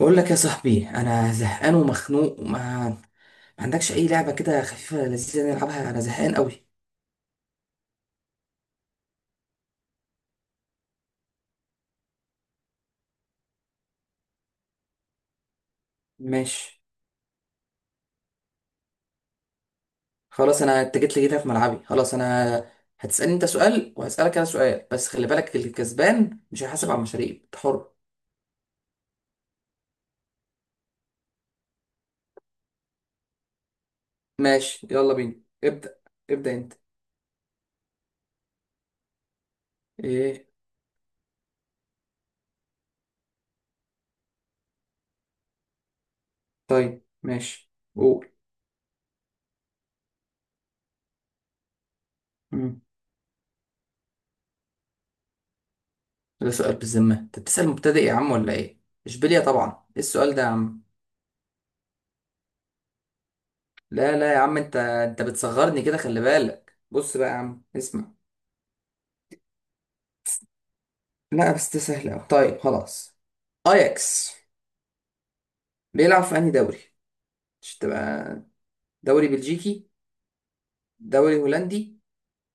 بقول لك يا صاحبي، انا زهقان ومخنوق وما ما عندكش اي لعبه كده خفيفه لذيذه نلعبها. انا زهقان قوي. ماشي، خلاص. انا اتجيت لي كده في ملعبي. خلاص انا هتسالني انت سؤال وهسالك انا سؤال، بس خلي بالك الكسبان مش هيحاسب على المشاريب. انت حر. ماشي يلا بينا. ابدا. ابدا انت. ايه؟ طيب ماشي، قول. مم. ده سؤال بالذمه؟ انت بتسال مبتدئ يا عم ولا ايه؟ اشبيليا طبعا. ايه السؤال ده يا عم؟ لا لا يا عم، انت بتصغرني كده. خلي بالك، بص بقى يا عم، اسمع. لا بس ده سهل أوي. طيب خلاص. أياكس بيلعب في أنهي دوري؟ مش تبقى دوري بلجيكي، دوري هولندي،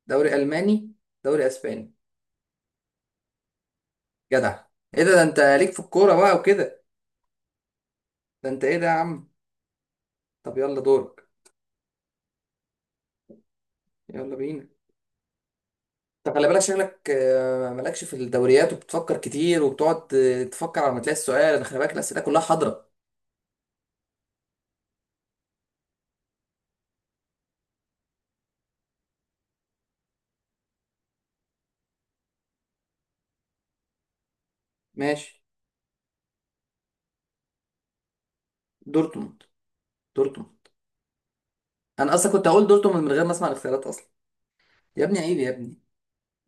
دوري ألماني، دوري أسباني؟ جدع! إيه ده؟ ده أنت ليك في الكورة بقى وكده؟ ده أنت إيه ده يا عم! طب يلا دورك. يلا بينا. طب خلي بالك، شكلك مالكش في الدوريات وبتفكر كتير وبتقعد تفكر على ما تلاقي السؤال. أنا خلي بالك، الأسئلة كلها حاضرة. ماشي. دورتموند. دورتموند. أنا أصلا كنت هقول دورتموند من غير ما أسمع الاختيارات أصلا. يا ابني عيب يا ابني.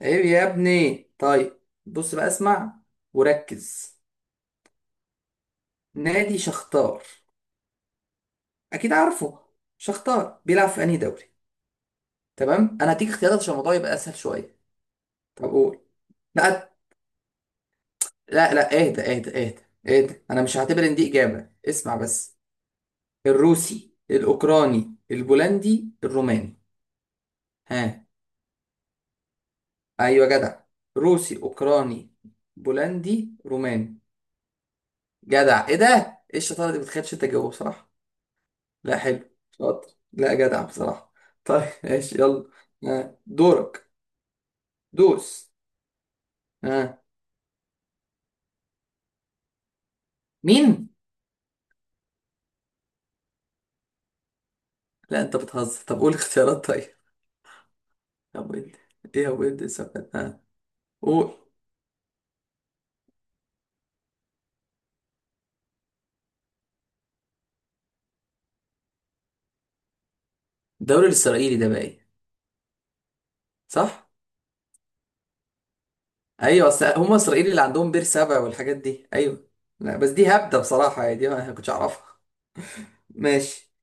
ايه يا ابني؟ طيب بص بقى اسمع، وركز. نادي شختار. اكيد عارفه. شختار بيلعب في انهي دوري؟ تمام، انا هديك اختيارات عشان الموضوع يبقى اسهل شويه. طب قول. لا لا لا، اهدى اهدى اهدى. اهدى. انا مش هعتبر ان دي اجابه. اسمع بس. الروسي، الاوكراني، البولندي، الروماني. ها. ايوه جدع. روسي، اوكراني، بولندي، روماني. جدع. ايه ده! ايه الشطاره دي؟ بتخيلش انت تجاوب بصراحه. لا حلو، شاطر، لا جدع بصراحة. طيب ماشي يلا. دورك. دوس. آه. مين؟ لا انت بتهزر، طب قول اختيارات طيب. طب قول. ايه هو، ابدا السؤال قول. الدوري الاسرائيلي ده بقى ايه؟ صح؟ ايوه، اصل هم اسرائيلي اللي عندهم بير سبع والحاجات دي. ايوه. لا بس دي هبدة بصراحة، يعني دي ما كنتش اعرفها. ماشي.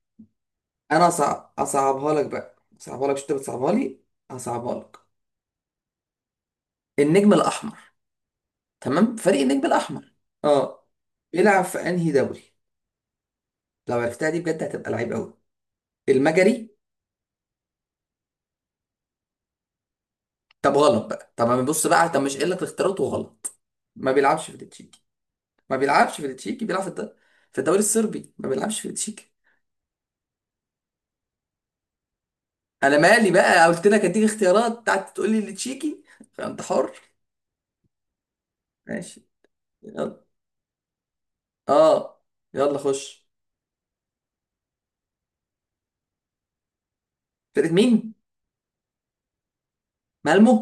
انا اصعبها لك بقى. اصعبها لك، مش انت بتصعبها لي. هصعبها لك. النجم الاحمر. تمام، فريق النجم الاحمر. اه. بيلعب في انهي دوري؟ لو عرفتها دي بجد هتبقى لعيب قوي. المجري. طب غلط بقى. طب ما بص بقى، طب مش قايل لك اختيارات وغلط. ما بيلعبش في التشيكي. ما بيلعبش في التشيكي، بيلعب في في الدوري الصربي. ما بيلعبش في التشيكي. انا مالي بقى، قلت لك اديك اختيارات، قعدت تقول لي التشيكي. انت حر. ماشي. يلا. اه. يلا خش. فرقة مين؟ مالمو.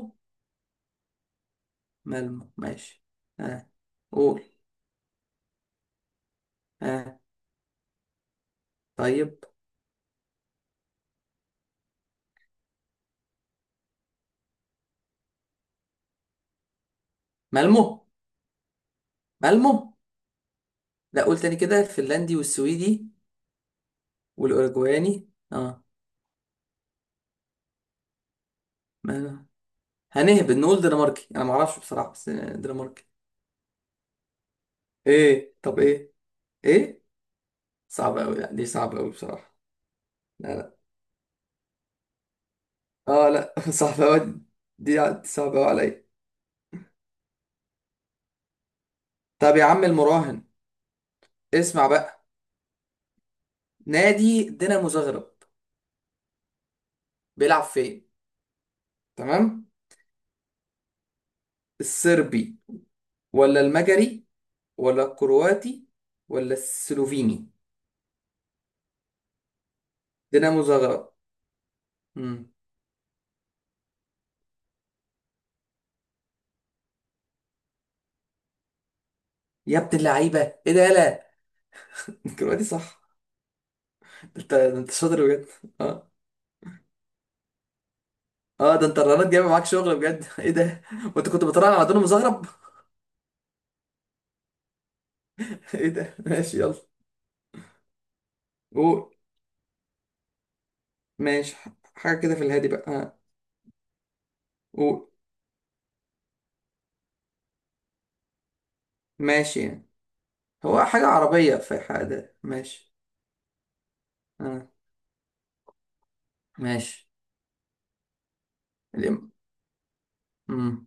مالمو ماشي. اه. قول. اه طيب. مالمو. مالمو. لا قول تاني كده، الفنلندي والسويدي والاوروجواني. اه. ما أنا- هنهبط نقول دنماركي. انا ما اعرفش بصراحه، بس دنماركي. ايه؟ طب ايه؟ ايه؟ صعبه قوي، لا دي صعبه قوي بصراحه. لا لا. اه لا صعبه قوي دي. صعبه قوي عليا. طب يا عم المراهن، اسمع بقى. نادي دينامو زغرب، بيلعب فين؟ تمام. الصربي، ولا المجري، ولا الكرواتي، ولا السلوفيني؟ دينامو زغرب. امم. يا ابن اللعيبه. ايه ده! لا الكرواتي، صح. انت ده انت شاطر بجد. اه. اه ده انت الرنات جايبه معاك شغل بجد ايه ده. وانت كنت بتراهن على دون مزهرب ايه ده؟ ماشي يلا. قول. ماشي، حاجه كده في الهادي بقى، اه. قول. ماشي يعني. هو حاجه عربيه في حاجه، ماشي. اه. ماشي. الام- مم.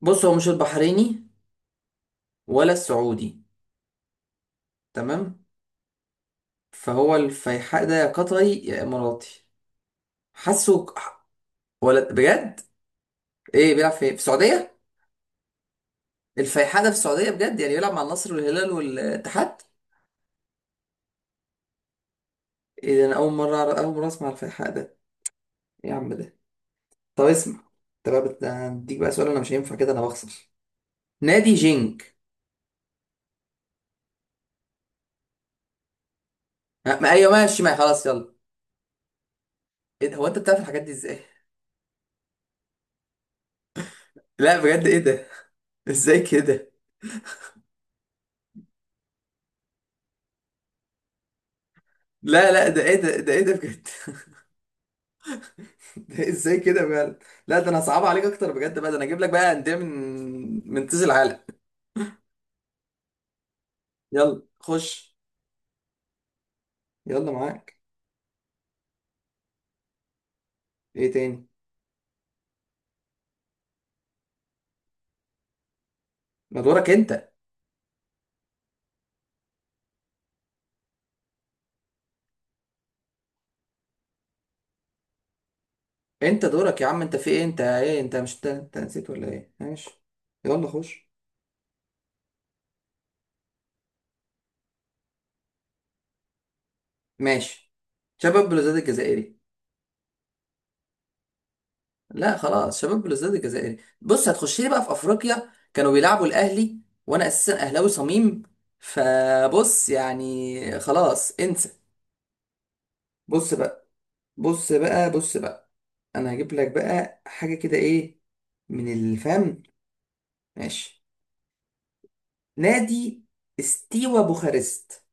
بص هو مش البحريني. ولا السعودي؟ تمام. فهو الفيحاء ده يا قطري يا اماراتي. حاسه ك- ولا بجد؟ ايه بيلعب في إيه؟ في السعوديه؟ الفيحاء ده في السعوديه بجد؟ يعني بيلعب مع النصر والهلال والاتحاد؟ ايه ده، انا اول مره اول مره اسمع الفيحاء ده. ايه يا عم ده. طب اسمع، انت بقى هديك بقى سؤال، انا مش هينفع كده، انا بخسر. نادي جينك. ايوه ماشي، ما خلاص يلا. ايه ده، هو انت بتعرف الحاجات دي ازاي؟ لا بجد ايه ده؟ ازاي كده؟ لا لا، ده ايه ده، ده ايه ده بجد ده ازاي كده بجد! لا ده انا صعب عليك اكتر بجد بقى. ده انا اجيب لك بقى انديه من تيز العالم. يلا خش. يلا معاك. ايه تاني؟ ما دورك انت. انت دورك يا عم، انت في ايه، انت ايه، انت مش انت, انت نسيت ولا ايه؟ ماشي. يلا خش. ماشي. شباب بلوزداد الجزائري. لا خلاص، شباب بلوزداد الجزائري. بص هتخش لي بقى في افريقيا كانوا بيلعبوا الاهلي، وانا اساسا اهلاوي صميم. فبص يعني خلاص انسى. بص بقى، بص بقى، بص بقى. انا هجيب لك بقى حاجه كده، ايه، من الفم. ماشي. نادي استيوا بوخارست.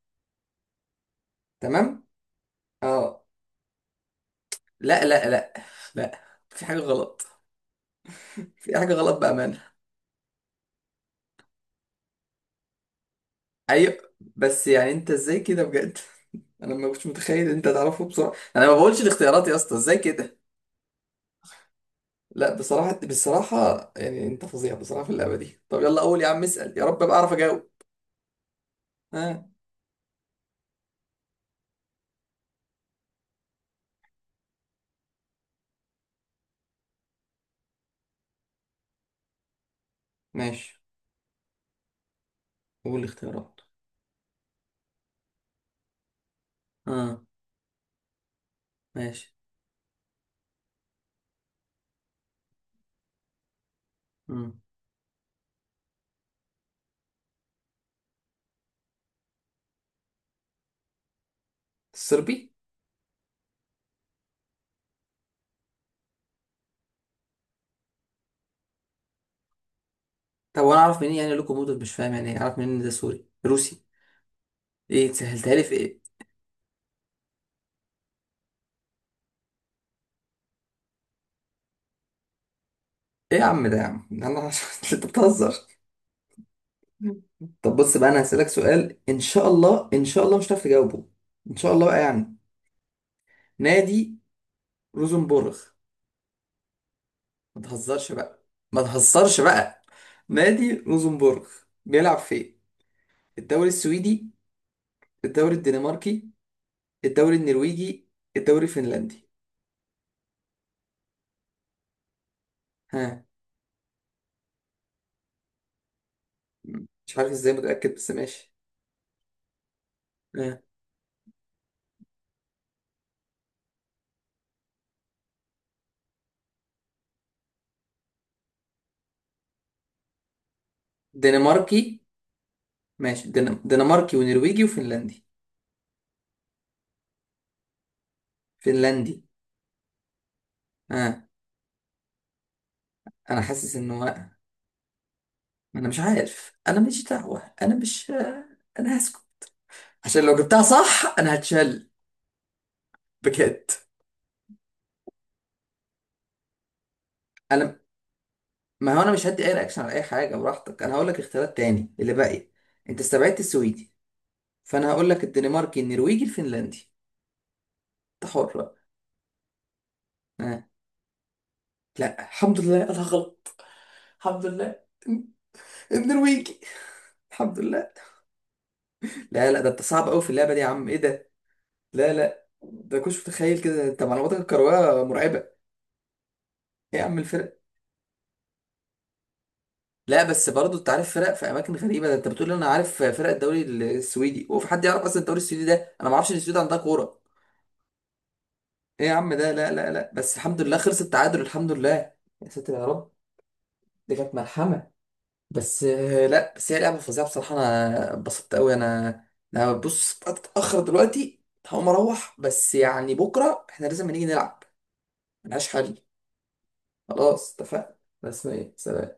تمام. اه. لا لا لا. لا، في حاجه غلط. في حاجه غلط بامانه. ايوه، بس يعني انت ازاي كده بجد انا ما كنتش متخيل ان انت تعرفه بسرعه. يعني انا ما بقولش الاختيارات يا اسطى، ازاي كده؟ لا بصراحه بصراحه، يعني انت فظيع بصراحه في اللعبه دي. طب يلا قول يا عم، اسال، يا رب ابقى اعرف اجاوب. ها. ماشي. قول الاختيارات. اه. ماشي. امم الصربي. طب وانا اعرف منين يعني؟ لوكوموتيف مش فاهم يعني ايه، اعرف منين إن ده سوري روسي؟ ايه سهلتها لي في ايه؟ ايه يا عم ده يا عم انا انت بتهزر. طب بص بقى، انا هسألك سؤال ان شاء الله ان شاء الله مش هتعرف تجاوبه. ان شاء الله بقى يعني. نادي روزنبورغ. ما تهزرش بقى، ما تهزرش بقى. نادي روزنبورغ بيلعب فين؟ الدوري السويدي، الدوري الدنماركي، الدوري النرويجي، الدوري الفنلندي؟ ها. مش عارف ازاي متأكد، بس ماشي. ها. دنماركي؟ ماشي، دنماركي ونرويجي وفنلندي. فنلندي؟ ها. انا حاسس انه، انا مش عارف، انا مش دعوة، انا مش، انا هسكت عشان لو جبتها صح انا هتشل. بجد. انا، ما هو انا مش هدي اي رياكشن على اي حاجه، براحتك. انا هقول لك اختيارات تاني اللي باقي. انت استبعدت السويدي، فانا هقول لك الدنماركي النرويجي الفنلندي. انت حر بقى. آه. لا الحمد لله، انا غلط. الحمد لله النرويجي الحمد لله. لا لا ده انت صعب قوي في اللعبه دي يا عم. ايه ده. لا لا، ده كنتش متخيل كده، انت معلوماتك الكرويه مرعبه. ايه يا عم الفرق! لا بس برضه انت عارف فرق في اماكن غريبه. ده انت بتقول لي انا عارف فرق الدوري السويدي، وفي حد يعرف اصلا الدوري السويدي ده؟ انا ما اعرفش ان السويد عندها كوره. ايه يا عم ده. لا لا لا، بس الحمد لله خلص التعادل. الحمد لله يا ساتر يا رب. دي كانت ملحمة. بس لا بس هي لعبة فظيعة بصراحة. انا اتبسطت قوي انا بص اتأخر دلوقتي، هقوم اروح، بس يعني بكرة احنا لازم نيجي نلعب. ملهاش حل. خلاص اتفقنا. بس ايه